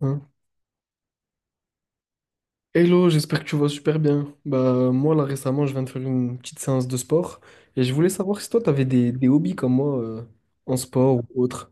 Hein. Hello, j'espère que tu vas super bien. Bah moi là récemment je viens de faire une petite séance de sport et je voulais savoir si toi t'avais des hobbies comme moi, en sport ou autre.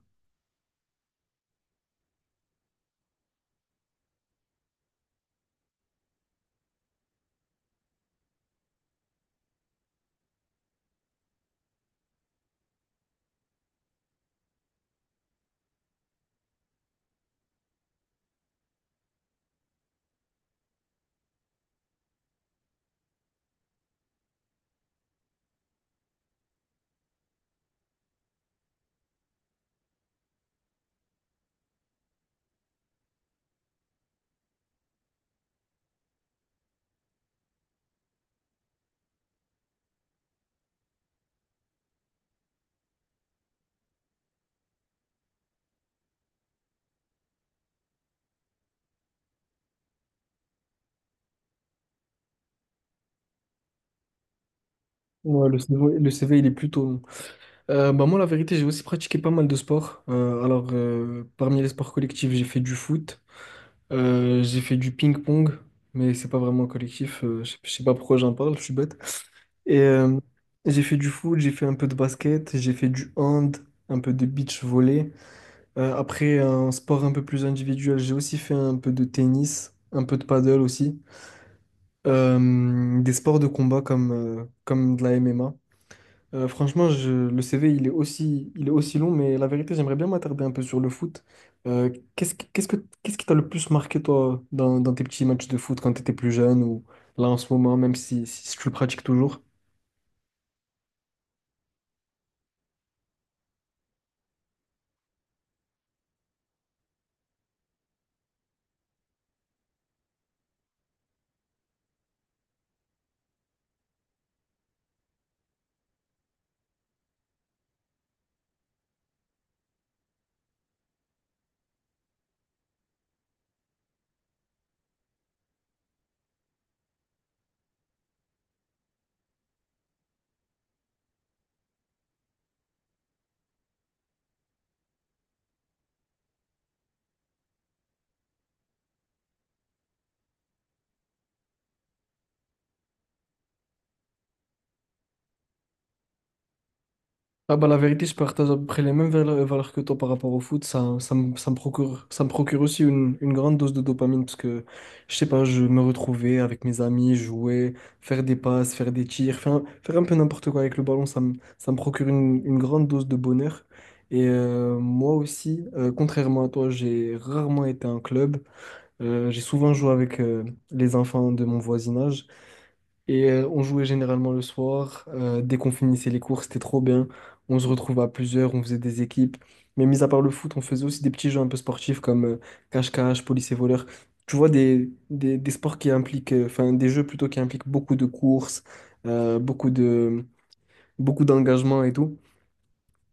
Ouais, le CV, le CV, il est plutôt long. Bah moi la vérité j'ai aussi pratiqué pas mal de sports. Parmi les sports collectifs j'ai fait du foot, j'ai fait du ping-pong, mais c'est pas vraiment collectif, je sais pas pourquoi j'en parle, je suis bête. Et euh, j'ai fait du foot, j'ai fait un peu de basket, j'ai fait du hand, un peu de beach volley. Après, un sport un peu plus individuel, j'ai aussi fait un peu de tennis, un peu de paddle aussi. Des sports de combat comme, comme de la MMA. Franchement, le CV, il est aussi long, mais la vérité, j'aimerais bien m'attarder un peu sur le foot. Euh, qu'est-ce, que- qu'est-ce que, Qu'est-ce qui t'a le plus marqué, toi, dans tes petits matchs de foot quand tu étais plus jeune ou là en ce moment, même si tu le pratiques toujours? Ah bah la vérité, je partage à peu près les mêmes valeurs que toi par rapport au foot. Ça, ça me procure aussi une grande dose de dopamine parce que, je sais pas, je me retrouvais avec mes amis, jouer, faire des passes, faire des tirs, faire un peu n'importe quoi avec le ballon, ça me procure une grande dose de bonheur. Moi aussi, contrairement à toi, j'ai rarement été en club. J'ai souvent joué avec les enfants de mon voisinage. On jouait généralement le soir. Dès qu'on finissait les cours, c'était trop bien. On se retrouvait à plusieurs, on faisait des équipes. Mais mis à part le foot, on faisait aussi des petits jeux un peu sportifs comme cache-cache, police et voleur. Tu vois, des sports qui impliquent, enfin des jeux plutôt qui impliquent beaucoup de courses, euh, beaucoup de, beaucoup d'engagement et tout.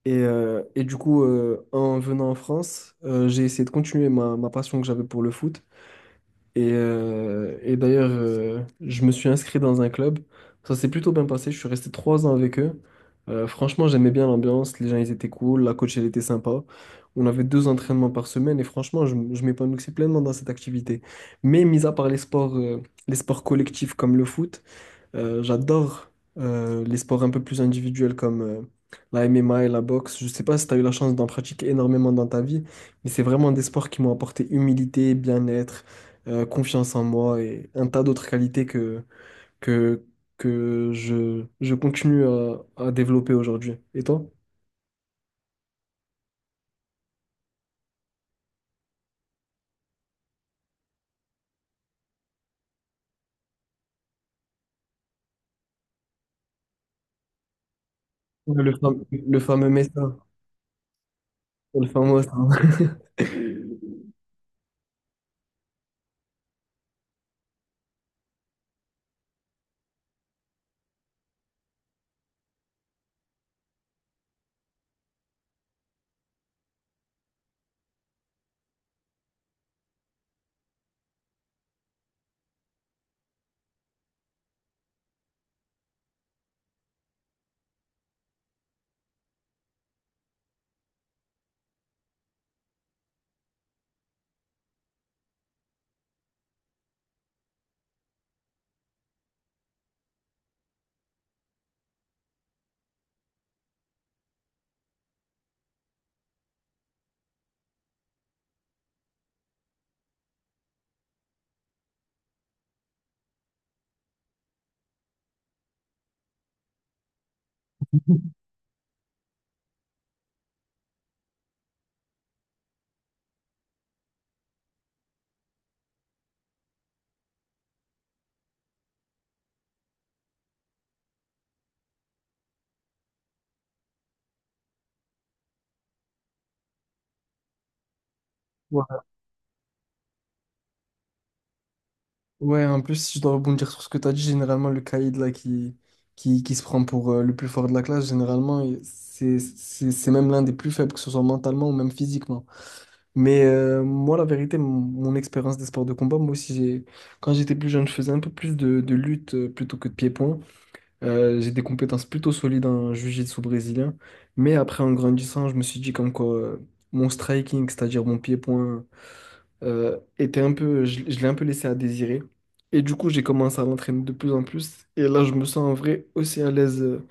Et du coup, en venant en France, j'ai essayé de continuer ma passion que j'avais pour le foot. Et d'ailleurs, je me suis inscrit dans un club. Ça s'est plutôt bien passé. Je suis resté trois ans avec eux. Franchement, j'aimais bien l'ambiance. Les gens, ils étaient cool. La coach, elle était sympa. On avait deux entraînements par semaine. Et franchement, je m'épanouissais pleinement dans cette activité. Mais mis à part les sports collectifs comme le foot, j'adore les sports un peu plus individuels comme la MMA et la boxe. Je sais pas si tu as eu la chance d'en pratiquer énormément dans ta vie, mais c'est vraiment des sports qui m'ont apporté humilité, bien-être, confiance en moi et un tas d'autres qualités que, je continue à développer aujourd'hui. Et toi? Ouais, le fameux, le fameux médecin, le fameux. Médecin. Ouais, en plus, si je dois rebondir sur ce que tu as dit, généralement, le caïd là, qui se prend pour le plus fort de la classe, généralement, c'est même l'un des plus faibles, que ce soit mentalement ou même physiquement. Moi, la vérité, mon expérience des sports de combat, moi aussi, quand j'étais plus jeune, je faisais un peu plus de lutte plutôt que de pied-point. J'ai des compétences plutôt solides en jiu-jitsu brésilien. Mais après, en grandissant, je me suis dit comme quoi, mon striking, c'est-à-dire mon pied-point, était un peu, je l'ai un peu laissé à désirer. Et du coup, j'ai commencé à l'entraîner de plus en plus. Et là, je me sens en vrai aussi à l'aise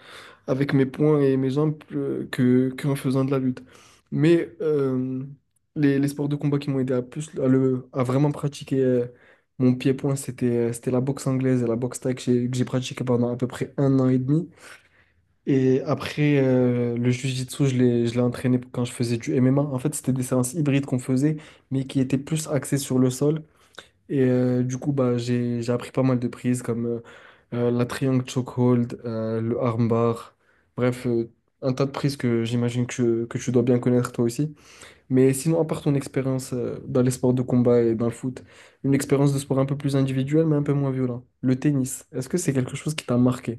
avec mes poings et mes jambes, qu'en faisant de la lutte. Mais euh, les sports de combat qui m'ont aidé à plus à, le, à vraiment pratiquer mon pied-point, c'était la boxe anglaise et la boxe thaï que j'ai pratiqué pendant à peu près un an et demi. Et après, le jiu-jitsu, je l'ai entraîné quand je faisais du MMA. En fait, c'était des séances hybrides qu'on faisait, mais qui étaient plus axées sur le sol. Du coup, bah, j'ai appris pas mal de prises comme la triangle chokehold, le armbar. Bref, un tas de prises que j'imagine que tu dois bien connaître toi aussi. Mais sinon, à part ton expérience dans les sports de combat et dans le foot, une expérience de sport un peu plus individuelle, mais un peu moins violente. Le tennis, est-ce que c'est quelque chose qui t'a marqué?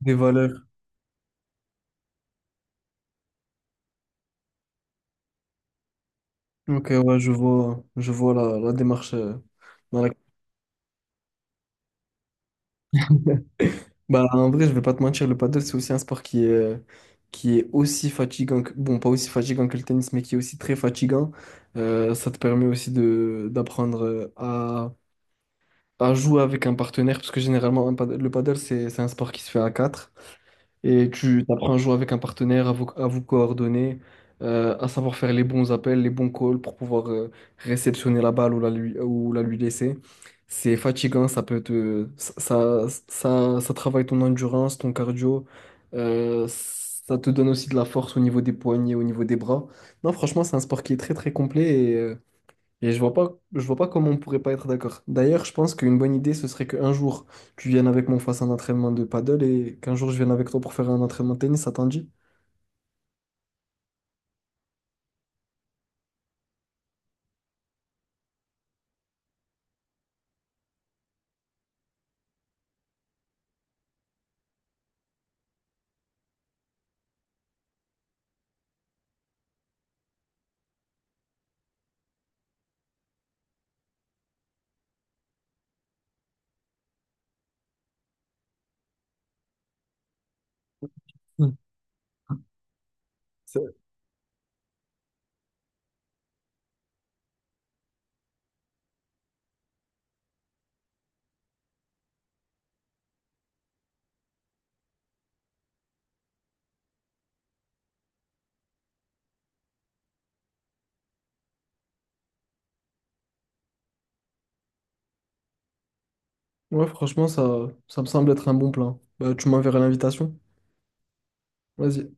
Des valeurs. Ok, ouais, je vois la démarche, dans laquelle. Bah, en vrai, je vais pas te mentir, le paddle, c'est aussi un sport qui est aussi fatigant que, bon, pas aussi fatigant que le tennis, mais qui est aussi très fatigant. Ça te permet aussi d'apprendre, à jouer avec un partenaire, parce que généralement, le paddle, c'est un sport qui se fait à quatre. Et tu apprends à jouer avec un partenaire, à vous coordonner, à savoir faire les bons appels, les bons calls pour pouvoir réceptionner la balle ou la lui laisser. C'est fatigant, ça peut te, ça travaille ton endurance, ton cardio, ça te donne aussi de la force au niveau des poignets, au niveau des bras. Non, franchement, c'est un sport qui est très très complet et je vois pas comment on pourrait pas être d'accord. D'ailleurs, je pense qu'une bonne idée, ce serait qu'un jour, tu viennes avec moi, on fasse un entraînement de paddle et qu'un jour, je vienne avec toi pour faire un entraînement de tennis, ça t'en dit? Mm. Ça- ouais, franchement, ça me semble être un bon plan. Bah, tu m'enverras l'invitation. Vas-y.